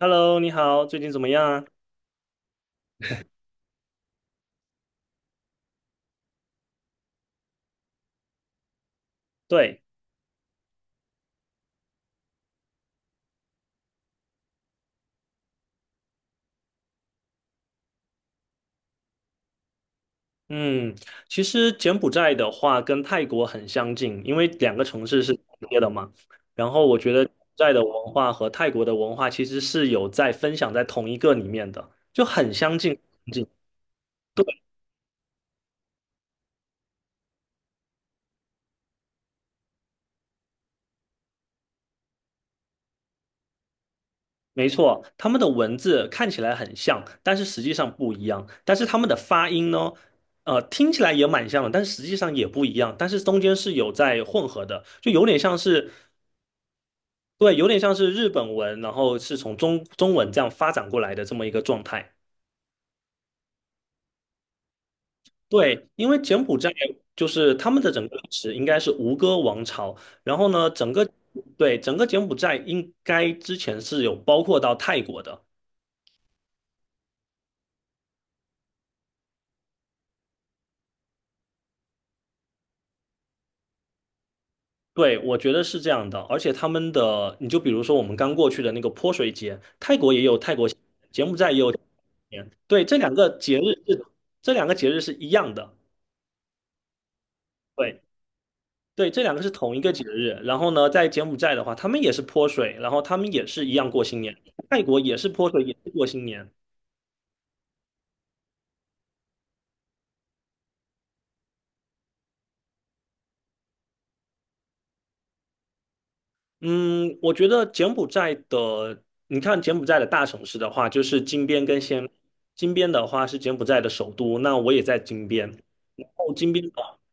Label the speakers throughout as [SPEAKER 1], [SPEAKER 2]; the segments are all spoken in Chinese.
[SPEAKER 1] Hello，你好，最近怎么样啊？对，嗯，其实柬埔寨的话跟泰国很相近，因为两个城市是重叠的嘛。然后我觉得柬埔寨的文化和泰国的文化其实是有在分享在同一个里面的，就很相近。很近对，没错，他们的文字看起来很像，但是实际上不一样。但是他们的发音呢，听起来也蛮像的，但是实际上也不一样。但是中间是有在混合的，就有点像是对，有点像是日本文，然后是从中文这样发展过来的这么一个状态。对，因为柬埔寨就是他们的整个历史应该是吴哥王朝，然后呢，对，整个柬埔寨应该之前是有包括到泰国的。对，我觉得是这样的，而且他们的，你就比如说我们刚过去的那个泼水节，泰国也有泰国新年，柬埔寨也有柬埔寨新年，对，是这两个节日是一样的。对，对，这两个是同一个节日。然后呢，在柬埔寨的话，他们也是泼水，然后他们也是一样过新年。泰国也是泼水，也是过新年。嗯，我觉得柬埔寨的，你看柬埔寨的大城市的话，就是金边跟暹，金边的话是柬埔寨的首都，那我也在金边。然后金边的，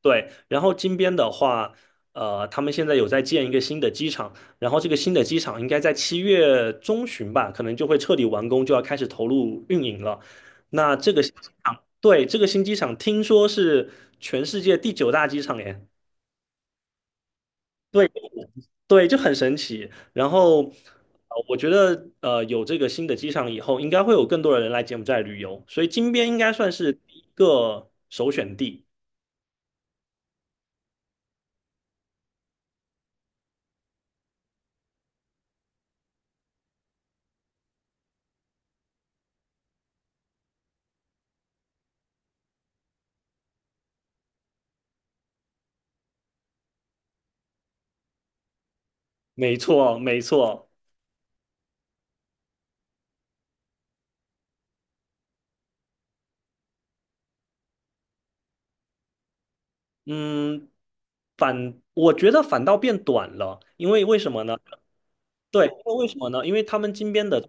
[SPEAKER 1] 对，然后金边的话，他们现在有在建一个新的机场，然后这个新的机场应该在7月中旬吧，可能就会彻底完工，就要开始投入运营了。那这个新机场，对，这个新机场听说是全世界第九大机场耶。对。对，就很神奇。然后，我觉得有这个新的机场以后，应该会有更多的人来柬埔寨旅游，所以金边应该算是第一个首选地。没错，没错。嗯，我觉得反倒变短了，因为为什么呢？对，因为为什么呢？因为他们金边的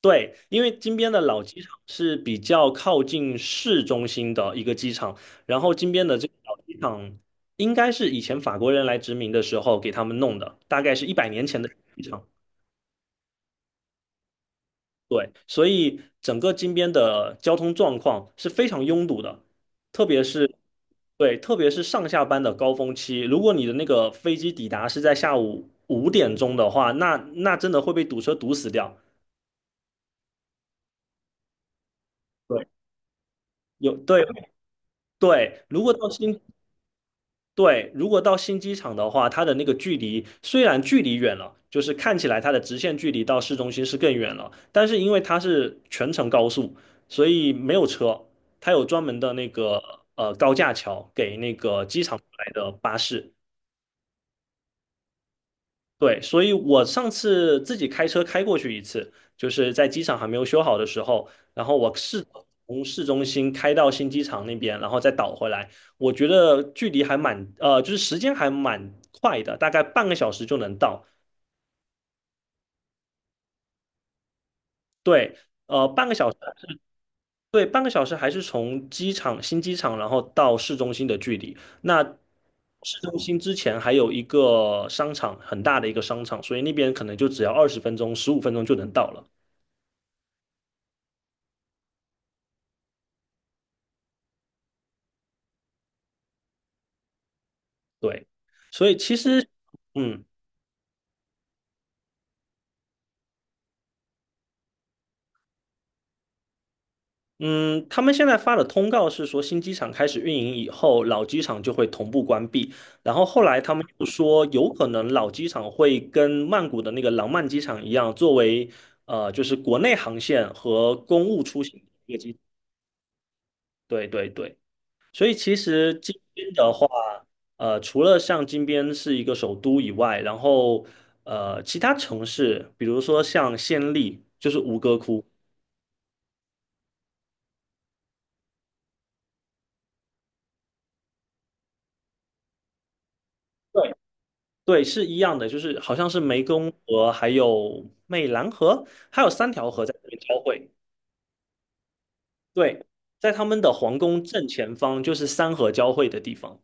[SPEAKER 1] 对，因为金边的老机场是比较靠近市中心的一个机场，然后金边的这个老机场应该是以前法国人来殖民的时候给他们弄的，大概是100年前的机场。对，所以整个金边的交通状况是非常拥堵的，特别是对，特别是上下班的高峰期，如果你的那个飞机抵达是在下午5点钟的话，那那真的会被堵车堵死掉。对，有对对，如果到新对，如果到新机场的话，它的那个距离虽然距离远了，就是看起来它的直线距离到市中心是更远了，但是因为它是全程高速，所以没有车，它有专门的那个高架桥给那个机场来的巴士，对，所以我上次自己开车开过去一次，就是在机场还没有修好的时候，然后我试从市中心开到新机场那边，然后再倒回来，我觉得距离还蛮，就是时间还蛮快的，大概半个小时就能到。对，半个小时，对，半个小时还是从机场新机场，然后到市中心的距离。那市中心之前还有一个商场，很大的一个商场，所以那边可能就只要20分钟、15分钟就能到了。对，所以其实，嗯嗯，他们现在发的通告是说，新机场开始运营以后，老机场就会同步关闭。然后后来他们又说，有可能老机场会跟曼谷的那个廊曼机场一样，作为就是国内航线和公务出行的一个机。对对对，所以其实金边的话，除了像金边是一个首都以外，然后其他城市，比如说像暹粒，就是吴哥窟。对对，是一样的，就是好像是湄公河，还有湄兰河，还有三条河在这边交汇。对，在他们的皇宫正前方就是三河交汇的地方。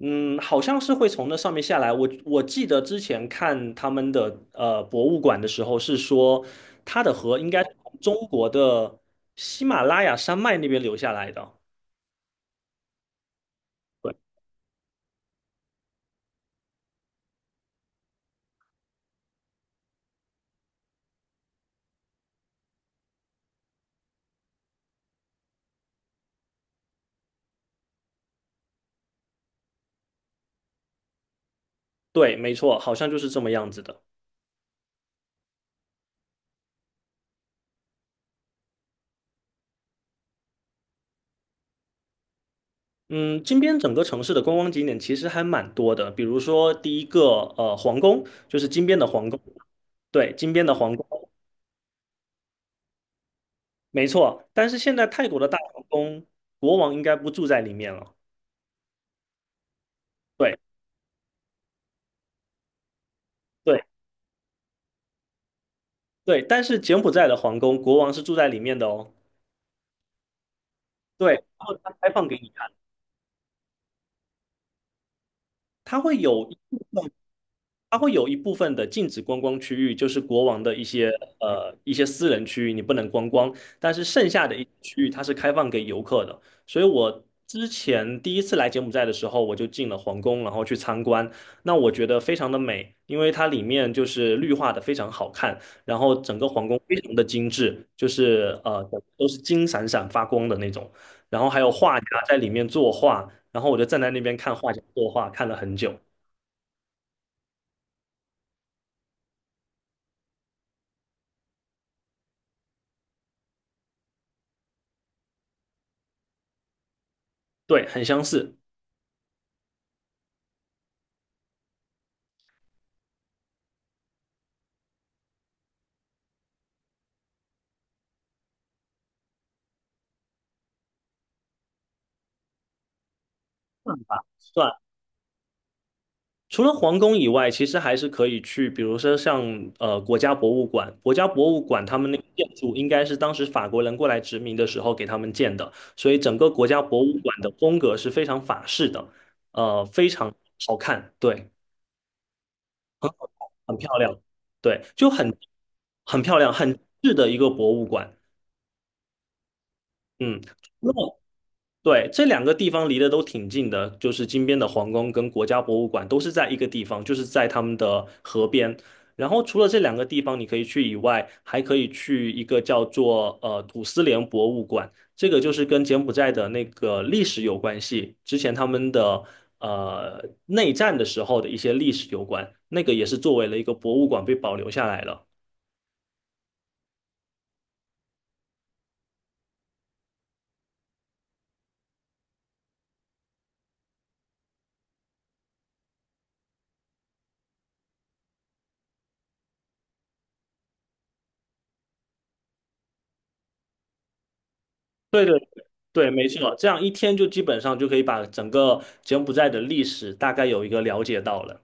[SPEAKER 1] 嗯，好像是会从那上面下来。我记得之前看他们的博物馆的时候是说，它的河应该是从中国的喜马拉雅山脉那边流下来的。对，对，没错，好像就是这么样子的。嗯，金边整个城市的观光景点其实还蛮多的，比如说第一个皇宫，就是金边的皇宫，对，金边的皇宫，没错。但是现在泰国的大皇宫，国王应该不住在里面了。对对对，但是柬埔寨的皇宫，国王是住在里面的哦。对，然后他开放给你看，它会有一部分它会有一部分的禁止观光区域，就是国王的一些一些私人区域，你不能观光。但是剩下的一些区域，它是开放给游客的。所以我之前第一次来柬埔寨的时候，我就进了皇宫，然后去参观。那我觉得非常的美，因为它里面就是绿化的非常好看，然后整个皇宫非常的精致，就是都是金闪闪发光的那种。然后还有画家在里面作画，然后我就站在那边看画家作画，看了很久。对，很相似。算，除了皇宫以外，其实还是可以去，比如说像国家博物馆，国家博物馆他们那个建筑应该是当时法国人过来殖民的时候给他们建的，所以整个国家博物馆的风格是非常法式的，非常好看，对，很很漂亮，对，就很漂亮，很质的一个博物馆，嗯，那对，这两个地方离得都挺近的，就是金边的皇宫跟国家博物馆都是在一个地方，就是在他们的河边。然后除了这两个地方你可以去以外，还可以去一个叫做土司连博物馆，这个就是跟柬埔寨的那个历史有关系，之前他们的内战的时候的一些历史有关，那个也是作为了一个博物馆被保留下来了。对对对，没错，这样一天就基本上就可以把整个柬埔寨的历史大概有一个了解到了。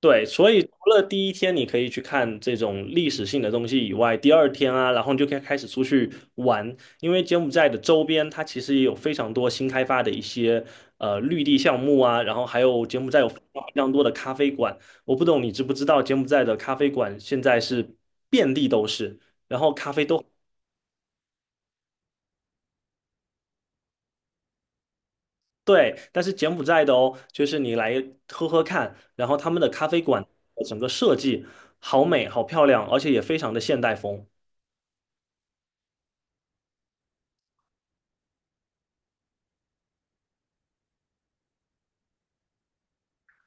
[SPEAKER 1] 对，所以除了第一天你可以去看这种历史性的东西以外，第二天啊，然后你就可以开始出去玩，因为柬埔寨的周边它其实也有非常多新开发的一些绿地项目啊，然后还有柬埔寨有非常非常多的咖啡馆，我不懂你知不知道柬埔寨的咖啡馆现在是遍地都是，然后咖啡都对，但是柬埔寨的哦，就是你来喝喝看，然后他们的咖啡馆整个设计好美好漂亮，而且也非常的现代风。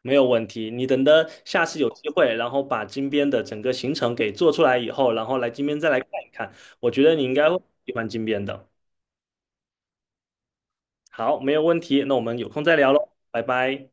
[SPEAKER 1] 没有问题。你等的下次有机会，然后把金边的整个行程给做出来以后，然后来金边再来看一看。我觉得你应该会喜欢金边的。好，没有问题。那我们有空再聊喽，拜拜。